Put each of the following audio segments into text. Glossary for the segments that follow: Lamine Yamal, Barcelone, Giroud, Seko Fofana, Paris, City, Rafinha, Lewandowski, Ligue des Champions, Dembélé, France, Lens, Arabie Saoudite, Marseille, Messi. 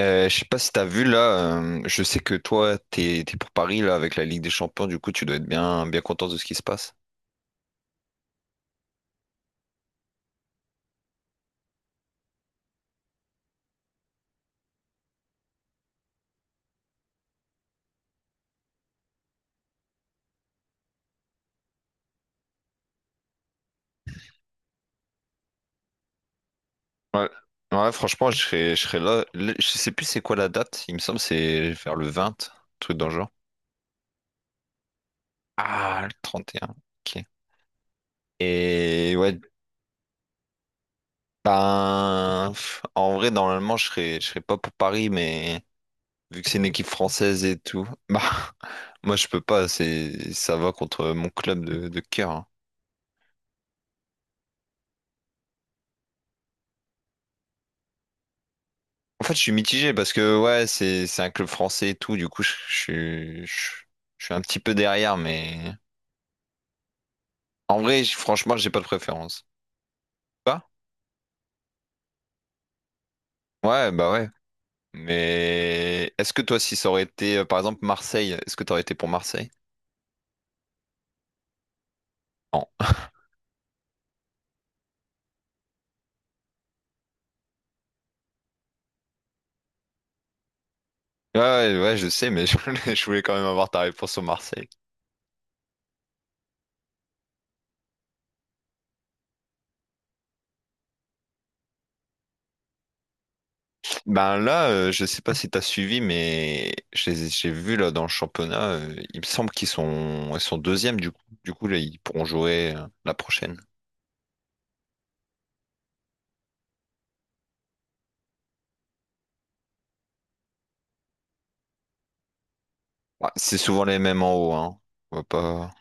Je sais pas si t'as vu là, je sais que toi t'es pour Paris là avec la Ligue des Champions, du coup tu dois être bien bien content de ce qui se passe. Ouais. Ouais, franchement, je serais là. Je sais plus c'est quoi la date, il me semble c'est vers le 20, truc dans le genre. Ah, le 31. OK. Et ouais, ben pff, en vrai normalement je serais pas pour Paris, mais vu que c'est une équipe française et tout, bah moi je peux pas, c'est ça va contre mon club de cœur, hein. En fait, je suis mitigé parce que ouais, c'est un club français et tout. Du coup, je suis un petit peu derrière, mais en vrai, franchement, j'ai pas de préférence. Pas? Ouais, bah ouais. Mais est-ce que toi, si ça aurait été, par exemple, Marseille, est-ce que t'aurais été pour Marseille? Non. Ouais, ouais, ouais, je sais, mais je voulais quand même avoir ta réponse sur Marseille. Ben là, je sais pas si t'as suivi, mais j'ai vu là dans le championnat, il me semble qu'ils sont deuxièmes du coup. Du coup, là, ils pourront jouer la prochaine. Bah, c'est souvent les mêmes en haut, hein. On va pas...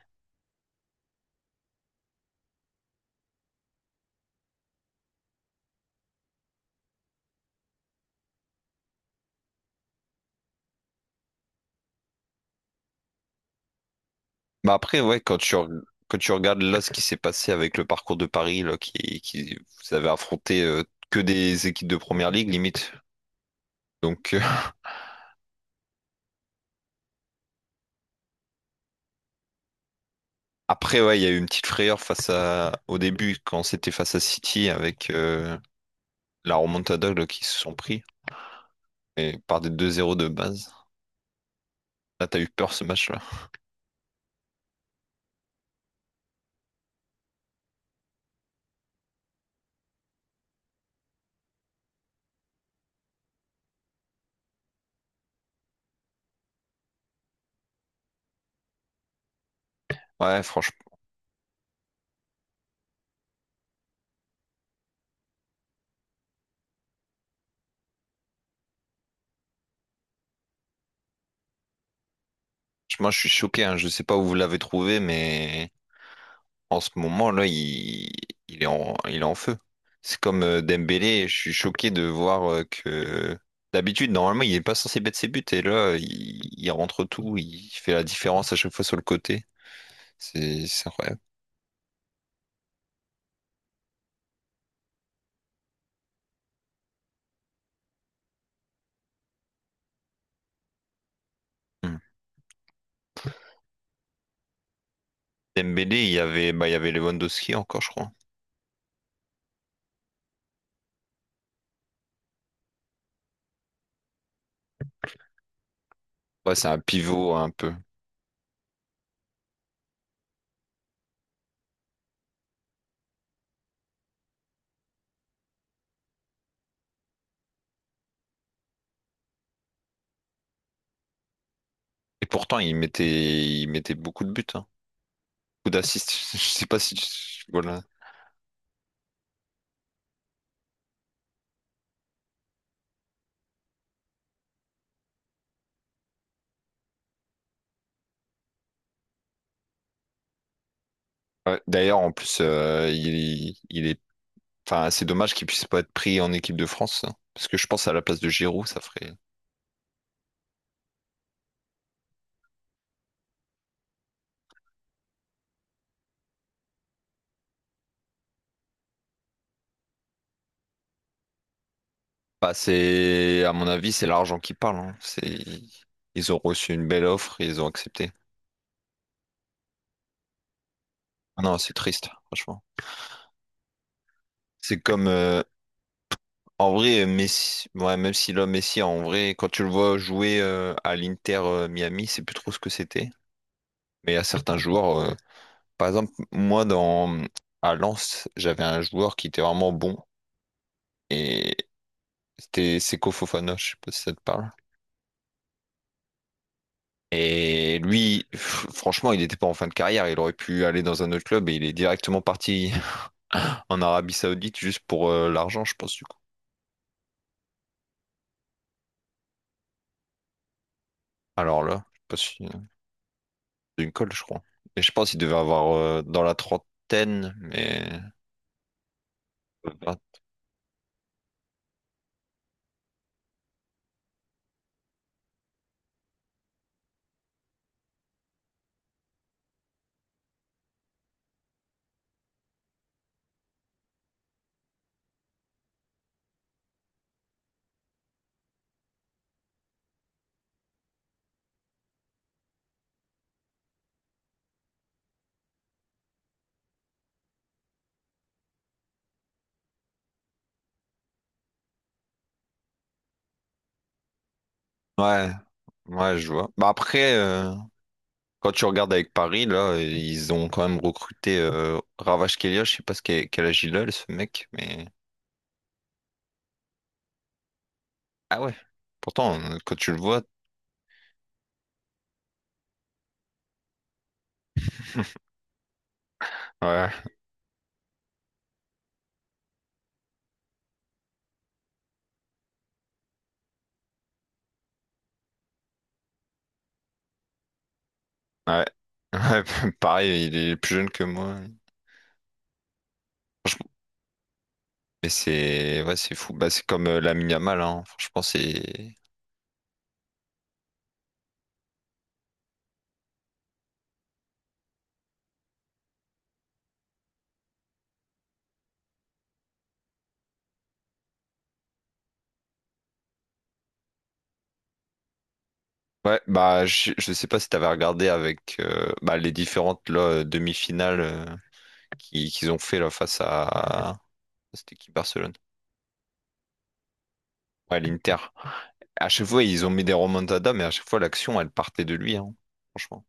Bah après, ouais, quand tu regardes là ce qui s'est passé avec le parcours de Paris, là, qui vous avez affronté que des équipes de première ligue, limite. Donc après, ouais, il y a eu une petite frayeur face à au début quand c'était face à City avec la remontada là, qui se sont pris et par des deux 0 de base. Là, t'as eu peur ce match-là. Ouais, franchement, moi je suis choqué, hein. Je sais pas où vous l'avez trouvé, mais en ce moment-là, il est en feu. C'est comme Dembélé, je suis choqué de voir que d'habitude, normalement, il n'est pas censé mettre ses buts et là, il rentre tout, il fait la différence à chaque fois sur le côté. C'est incroyable. Hmm. Dembélé, il y avait, bah, il y avait Lewandowski encore, je crois. Ouais, c'est un pivot un peu. Et pourtant, il mettait beaucoup de buts, hein. Beaucoup d'assists. Je sais pas si tu... Voilà. Ouais, d'ailleurs, en plus, il est enfin, c'est dommage qu'il puisse pas être pris en équipe de France, hein. Parce que je pense à la place de Giroud, ça ferait. Bah, c'est, à mon avis, c'est l'argent qui parle, hein. C'est, ils ont reçu une belle offre et ils ont accepté. Ah non, c'est triste, franchement. C'est comme, en vrai, Messi, ouais, même si l'homme Messi, en vrai, quand tu le vois jouer à l'Inter Miami, c'est plus trop ce que c'était. Mais il y a certains joueurs, par exemple, à Lens, j'avais un joueur qui était vraiment bon et c'était Seko Fofana, je sais pas si ça te parle. Et lui, franchement, il n'était pas en fin de carrière. Il aurait pu aller dans un autre club et il est directement parti en Arabie Saoudite juste pour l'argent, je pense, du coup. Alors là, je sais pas si c'est une colle, je crois. Et je pense qu'il devait avoir dans la trentaine, mais euh, ouais, ouais, je vois. Bah après, quand tu regardes avec Paris, là, ils ont quand même recruté Ravage Kelia. Je sais pas quel âge il a, ce mec, mais ah ouais. Pourtant, quand tu le vois, ouais. Ouais. Ouais, pareil, il est plus jeune que moi. Mais c'est ouais, c'est fou. Bah, c'est comme Lamine Yamal, hein. Franchement, c'est. Ouais, bah je sais pas si t'avais regardé avec bah, les différentes là, demi-finales qu'ils ont fait là face à c'était qui Barcelone? Ouais, l'Inter. À chaque fois, ils ont mis des remontadas, mais à chaque fois, l'action, elle partait de lui, hein, franchement.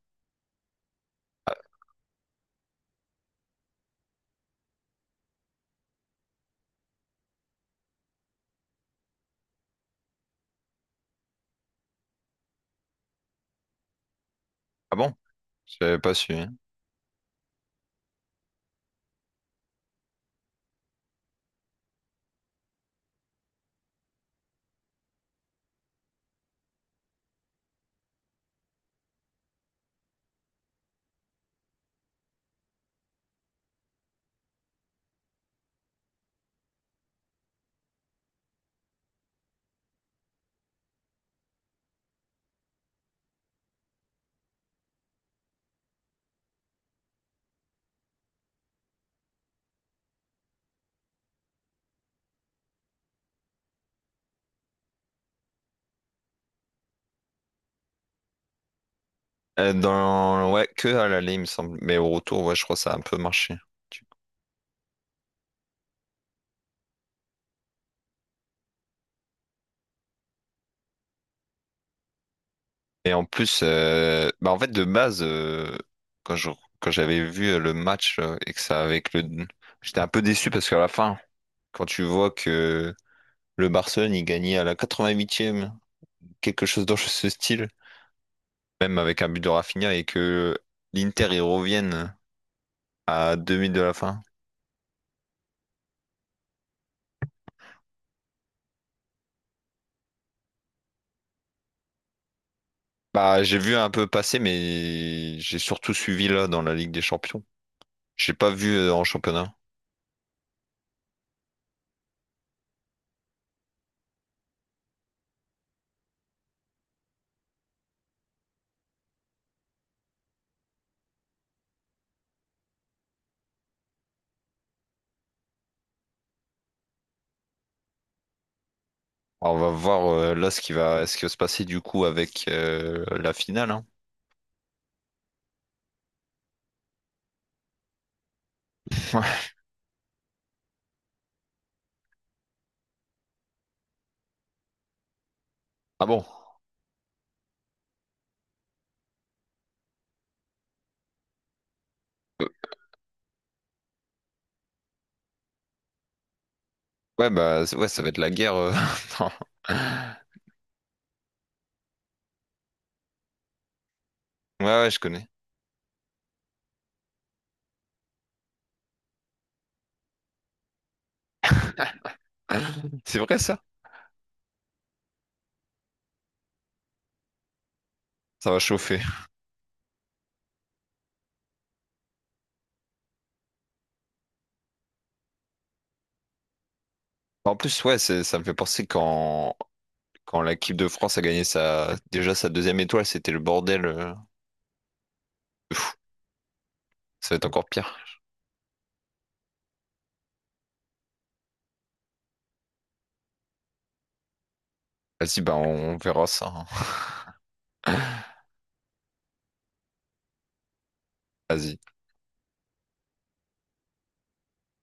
Ah bon? Je l'avais pas su, hein. Dans... Ouais, que à l'aller, il me semble. Mais au retour, ouais, je crois que ça a un peu marché. Et en plus, bah en fait, de base, quand je- quand j'avais vu le match et que ça avec le. J'étais un peu déçu parce qu'à la fin, quand tu vois que le Barcelone, il gagnait à la 88e, quelque chose dans ce style, même avec un but de Rafinha et que l'Inter y revienne à 2 minutes de la fin. Bah, j'ai vu un peu passer, mais j'ai surtout suivi là dans la Ligue des Champions. J'ai pas vu en championnat. Alors, on va voir là ce qui va se passer du coup avec la finale, hein. Ah bon? Euh, Ouais, bah, ouais, ça va être la guerre, non. Ouais, ouais, je connais. C'est vrai ça? Ça va chauffer. En plus, ouais, ça me fait penser qu'en quand l'équipe de France a gagné sa déjà sa deuxième étoile, c'était le bordel, de fou. Ça va être encore pire. Vas-y, bah on, verra ça, hein. Vas-y.